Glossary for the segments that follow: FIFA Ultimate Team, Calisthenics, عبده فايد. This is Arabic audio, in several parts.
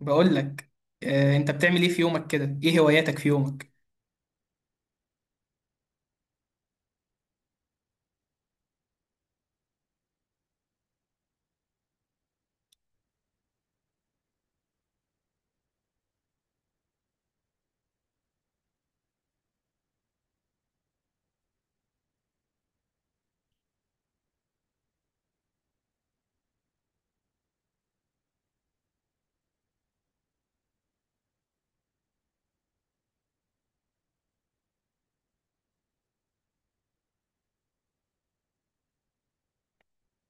بقول لك آه، انت بتعمل ايه في يومك كده، ايه هواياتك في يومك؟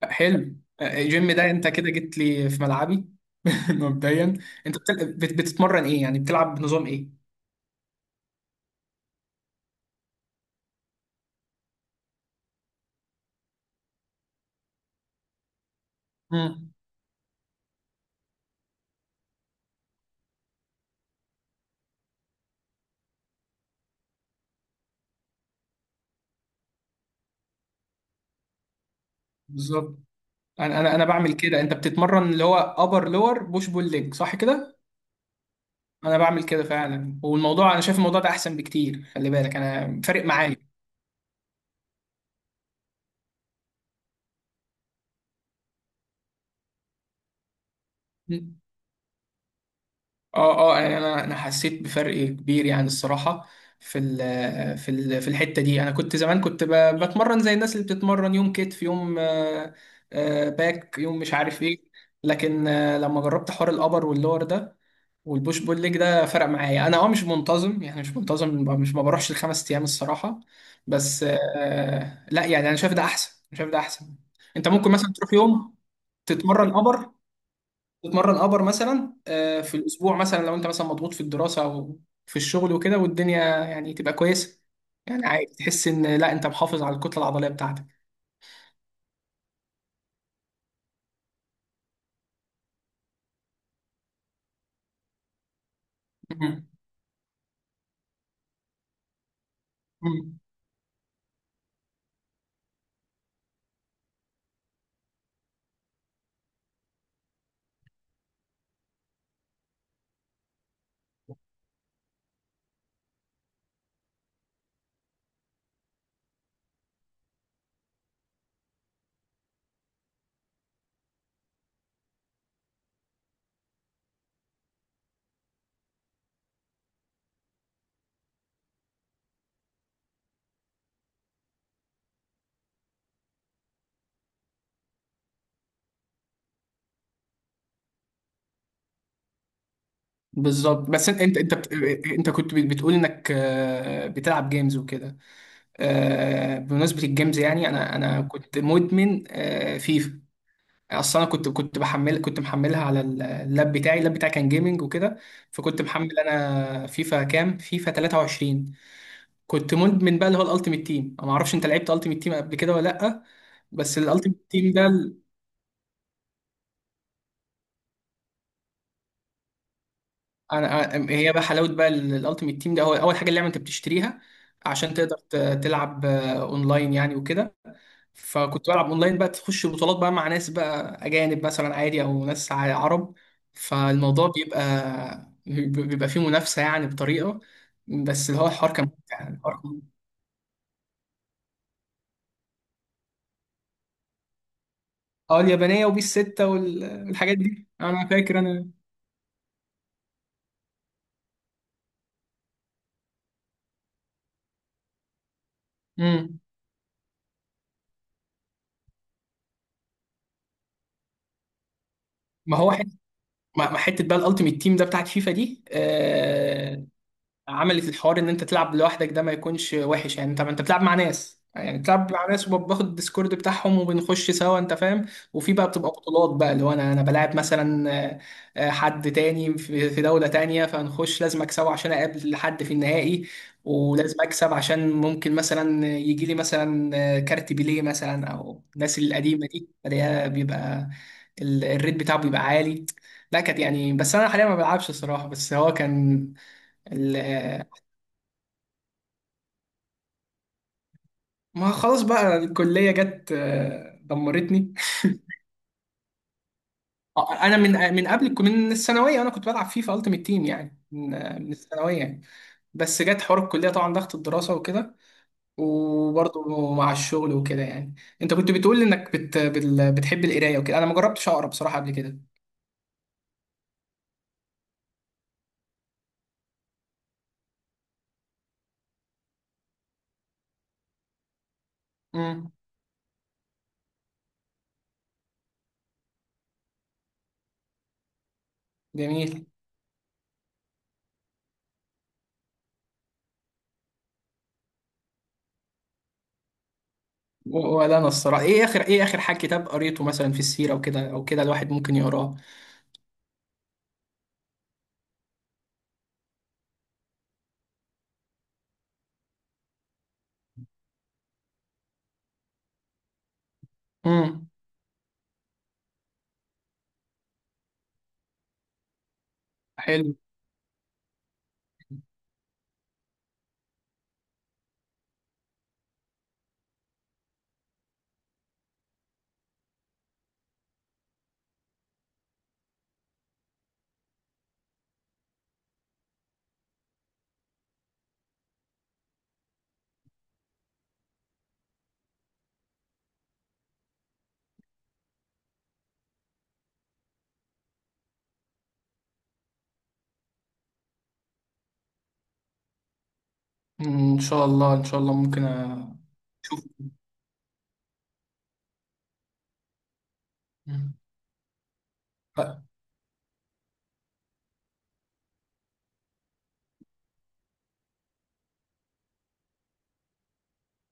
آه، حلو. آه، الجيم ده انت كده جيت لي في ملعبي. مبدئيا، انت بتتمرن ايه، يعني بتلعب بنظام ايه؟ امم بالظبط. انا بعمل كده. انت بتتمرن اللي هو ابر لور بوش بول ليج، صح كده؟ انا بعمل كده فعلا، والموضوع انا شايف الموضوع ده احسن بكتير، خلي بالك انا فارق معايا. اه اه، يعني انا حسيت بفرق كبير يعني الصراحه. في ال في ال في الحته دي انا كنت زمان كنت بتمرن زي الناس اللي بتتمرن يوم كتف يوم باك يوم مش عارف ايه. لكن لما جربت حوار الابر واللور ده والبوش بول ليج ده فرق معايا انا. اه، مش منتظم يعني، مش منتظم، مش ما بروحش الخمس ايام الصراحه، بس لا يعني انا شايف ده احسن، أنا شايف ده احسن. انت ممكن مثلا تروح يوم تتمرن ابر، تتمرن ابر مثلا في الاسبوع، مثلا لو انت مثلا مضغوط في الدراسه او في الشغل وكده والدنيا يعني تبقى كويسه، يعني عادي، تحس ان لا انت محافظ على الكتله العضليه بتاعتك. مم. مم. بالظبط. بس انت انت كنت بتقول انك بتلعب جيمز وكده. بمناسبه الجيمز، يعني انا كنت مدمن فيفا اصلا. انا كنت بحمل، كنت محملها على اللاب بتاعي، اللاب بتاعي كان جيمنج وكده. فكنت محمل انا فيفا كام، فيفا 23، كنت مدمن بقى اللي هو الالتيميت تيم. انا ما اعرفش انت لعبت الالتيميت تيم قبل كده ولا لا؟ بس الالتيميت تيم ده هي بقى حلاوه بقى الالتيميت تيم ده، هو اول حاجه اللعبه انت بتشتريها عشان تقدر تلعب اونلاين يعني وكده. فكنت بلعب اونلاين بقى، تخش بطولات بقى مع ناس بقى اجانب مثلا عادي، او ناس عرب. فالموضوع بيبقى فيه منافسه، يعني بطريقه، بس اللي هو الحوار كان ممتع يعني. اه، اليابانيه وبيس 6 والحاجات دي، انا فاكر انا. امم ما هو، مع حته بقى الالتيميت تيم ده بتاعت فيفا دي، عملت الحوار ان انت تلعب لوحدك ده ما يكونش وحش، يعني انت، ما انت بتلعب مع ناس، يعني بتلعب مع ناس وباخد الديسكورد بتاعهم وبنخش سوا، انت فاهم؟ وفي بقى بتبقى بطولات بقى اللي هو انا بلاعب مثلا حد تاني في في دولة تانية، فنخش لازم اكسبه عشان اقابل حد في النهائي. ولازم اكسب عشان ممكن مثلا يجي لي مثلا كارت بيليه مثلا او الناس القديمة دي، فده بيبقى الريت بتاعه بيبقى عالي. لا كانت يعني، بس انا حاليا ما بلعبش الصراحة، بس هو كان. ما خلاص بقى الكلية جت دمرتني. انا من قبل من الثانوية انا كنت بلعب فيفا التيمت تيم، يعني من من الثانوية يعني. بس جت حوار الكلية، طبعا ضغط الدراسة وكده، وبرضه مع الشغل وكده يعني. انت كنت بتقول انك بتحب القراية وكده. انا ما جربتش اقرا بصراحة قبل كده. امم جميل. ولا انا الصراحة، ايه اخر، ايه اخر حاجة كتاب قريته مثلا في السيرة وكده او كده الواحد ممكن يقراه؟ امم حلو. مم، ان شاء الله ان شاء الله ممكن مم. أ-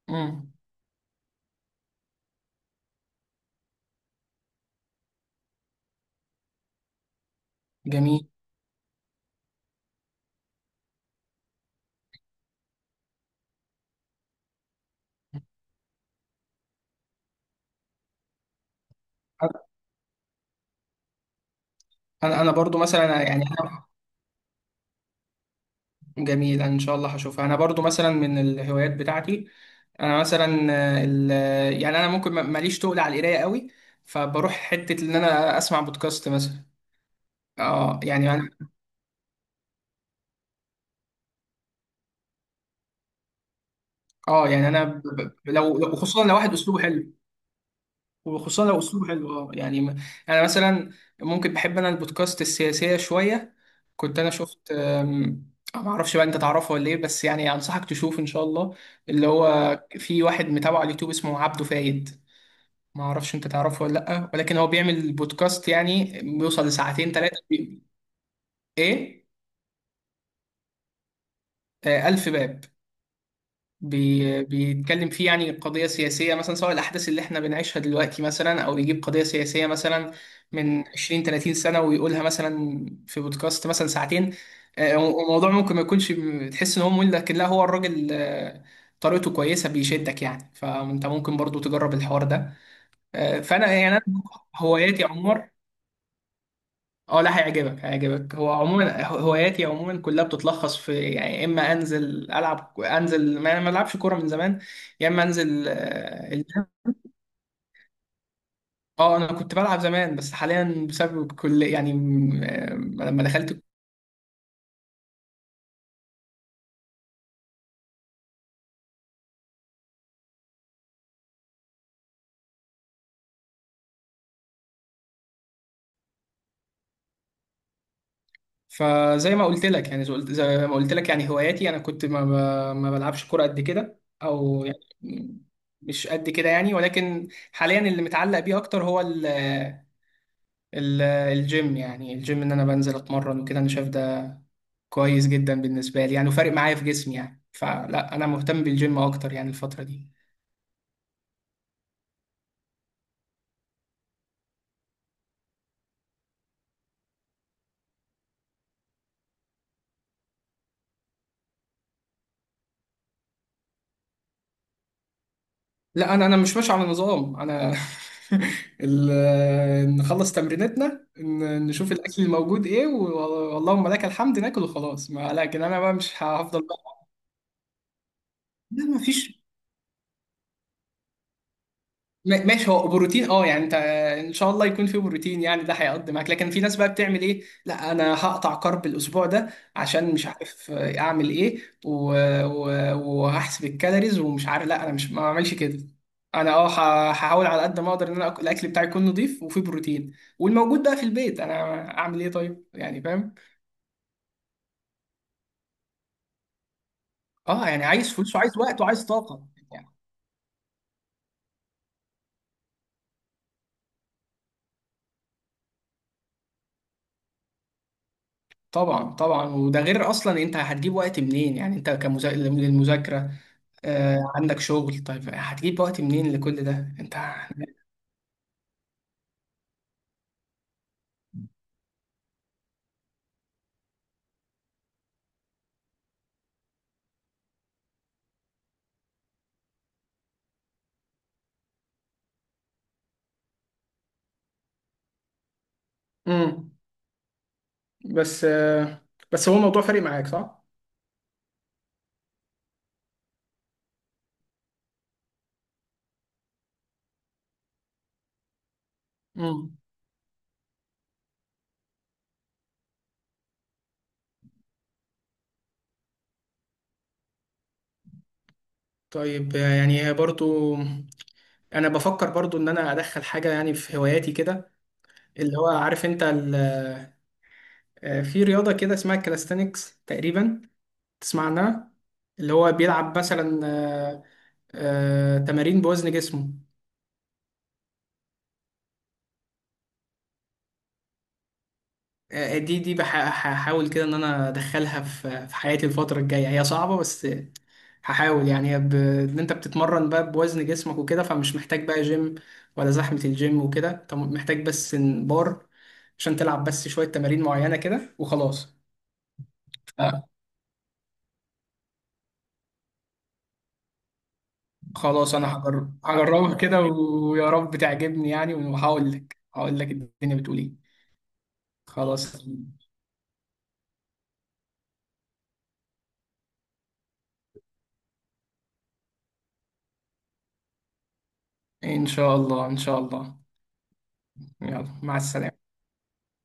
مم. جميل. انا برضو مثلا يعني انا. جميل، انا ان شاء الله هشوفها. انا برضو مثلا من الهوايات بتاعتي، انا مثلا يعني انا ممكن ماليش تقل على القرايه قوي، فبروح حته ان انا اسمع بودكاست مثلا. اه يعني انا. اه يعني انا، وخصوصا لو واحد اسلوبه حلو. وخصوصا لو اسلوبه حلو، اه يعني انا مثلا ممكن بحب انا البودكاست السياسيه شويه. كنت انا شفت ما اعرفش بقى انت تعرفه ولا ايه، بس يعني انصحك تشوف ان شاء الله. اللي هو في واحد متابعه على اليوتيوب اسمه عبده فايد. ما اعرفش انت تعرفه ولا لا، ولكن هو بيعمل بودكاست يعني بيوصل لساعتين ثلاثه. ايه؟ ألف باب. بي بيتكلم فيه يعني قضية سياسية مثلا، سواء الأحداث اللي احنا بنعيشها دلوقتي مثلا، أو يجيب قضية سياسية مثلا من 20 30 سنة ويقولها مثلا في بودكاست مثلا ساعتين. آه، الموضوع ممكن ما يكونش تحس إن هو ممل، لكن لا، هو الراجل طريقته كويسة بيشدك يعني، فأنت ممكن برضو تجرب الحوار ده. آه، فأنا يعني أنا هواياتي يا عمر. اه لا، هيعجبك هيعجبك. هو عموما هواياتي عموما كلها بتتلخص في، يعني يا اما انزل العب، انزل، ما العبش كوره من زمان، يا اما انزل الجيم. اه انا كنت بلعب زمان، بس حاليا بسبب كل يعني لما دخلت. فزي ما قلت لك يعني، زي ما قلت لك يعني هواياتي، انا كنت ما بلعبش كوره قد كده او يعني مش قد كده يعني، ولكن حاليا اللي متعلق بيه اكتر هو الجيم. يعني الجيم ان انا بنزل اتمرن وكده، انا شايف ده كويس جدا بالنسبه لي يعني، وفارق معايا في جسمي يعني. فلا انا مهتم بالجيم اكتر يعني الفتره دي. لا، انا مش ماشي على نظام انا. نخلص تمرينتنا، نشوف الاكل الموجود ايه، واللهم لك الحمد، ناكل وخلاص. ما لكن انا بقى مش هفضل بقى. لا ما فيش. ماشي، هو بروتين اه، يعني انت ان شاء الله يكون فيه بروتين يعني، ده هيقضي معاك. لكن في ناس بقى بتعمل ايه، لا انا هقطع كارب الاسبوع ده عشان مش عارف اعمل ايه و... وهحسب الكالوريز ومش عارف. لا انا مش ما بعملش كده. انا اه هحاول على قد ما اقدر ان انا الاكل بتاعي يكون نظيف وفيه بروتين، والموجود بقى في البيت انا اعمل ايه طيب يعني، فاهم؟ اه يعني عايز فلوس، وعايز وقت، وعايز طاقة. طبعا طبعا. وده غير اصلا انت هتجيب وقت منين، يعني انت للمذاكره، آه عندك شغل، طيب هتجيب وقت منين لكل ده انت؟ امم بس بس هو الموضوع فارق معاك صح؟ مم. طيب يعني برضو انا بفكر برضو ان انا ادخل حاجه يعني في هواياتي كده، اللي هو عارف انت في رياضه كده اسمها كالستنكس تقريبا، تسمع عنها؟ اللي هو بيلعب مثلا تمارين بوزن جسمه. دي هحاول كده ان انا ادخلها في حياتي الفتره الجايه، هي صعبه بس هحاول يعني. ان انت بتتمرن بقى بوزن جسمك وكده، فمش محتاج بقى جيم ولا زحمه الجيم وكده، انت محتاج بس إن بار عشان تلعب بس شويه تمارين معينه كده وخلاص. آه، خلاص انا هجرب، هجربها كده ويا رب تعجبني يعني، وهقول لك الدنيا بتقول ايه. خلاص. ان شاء الله ان شاء الله. يلا، مع السلامه.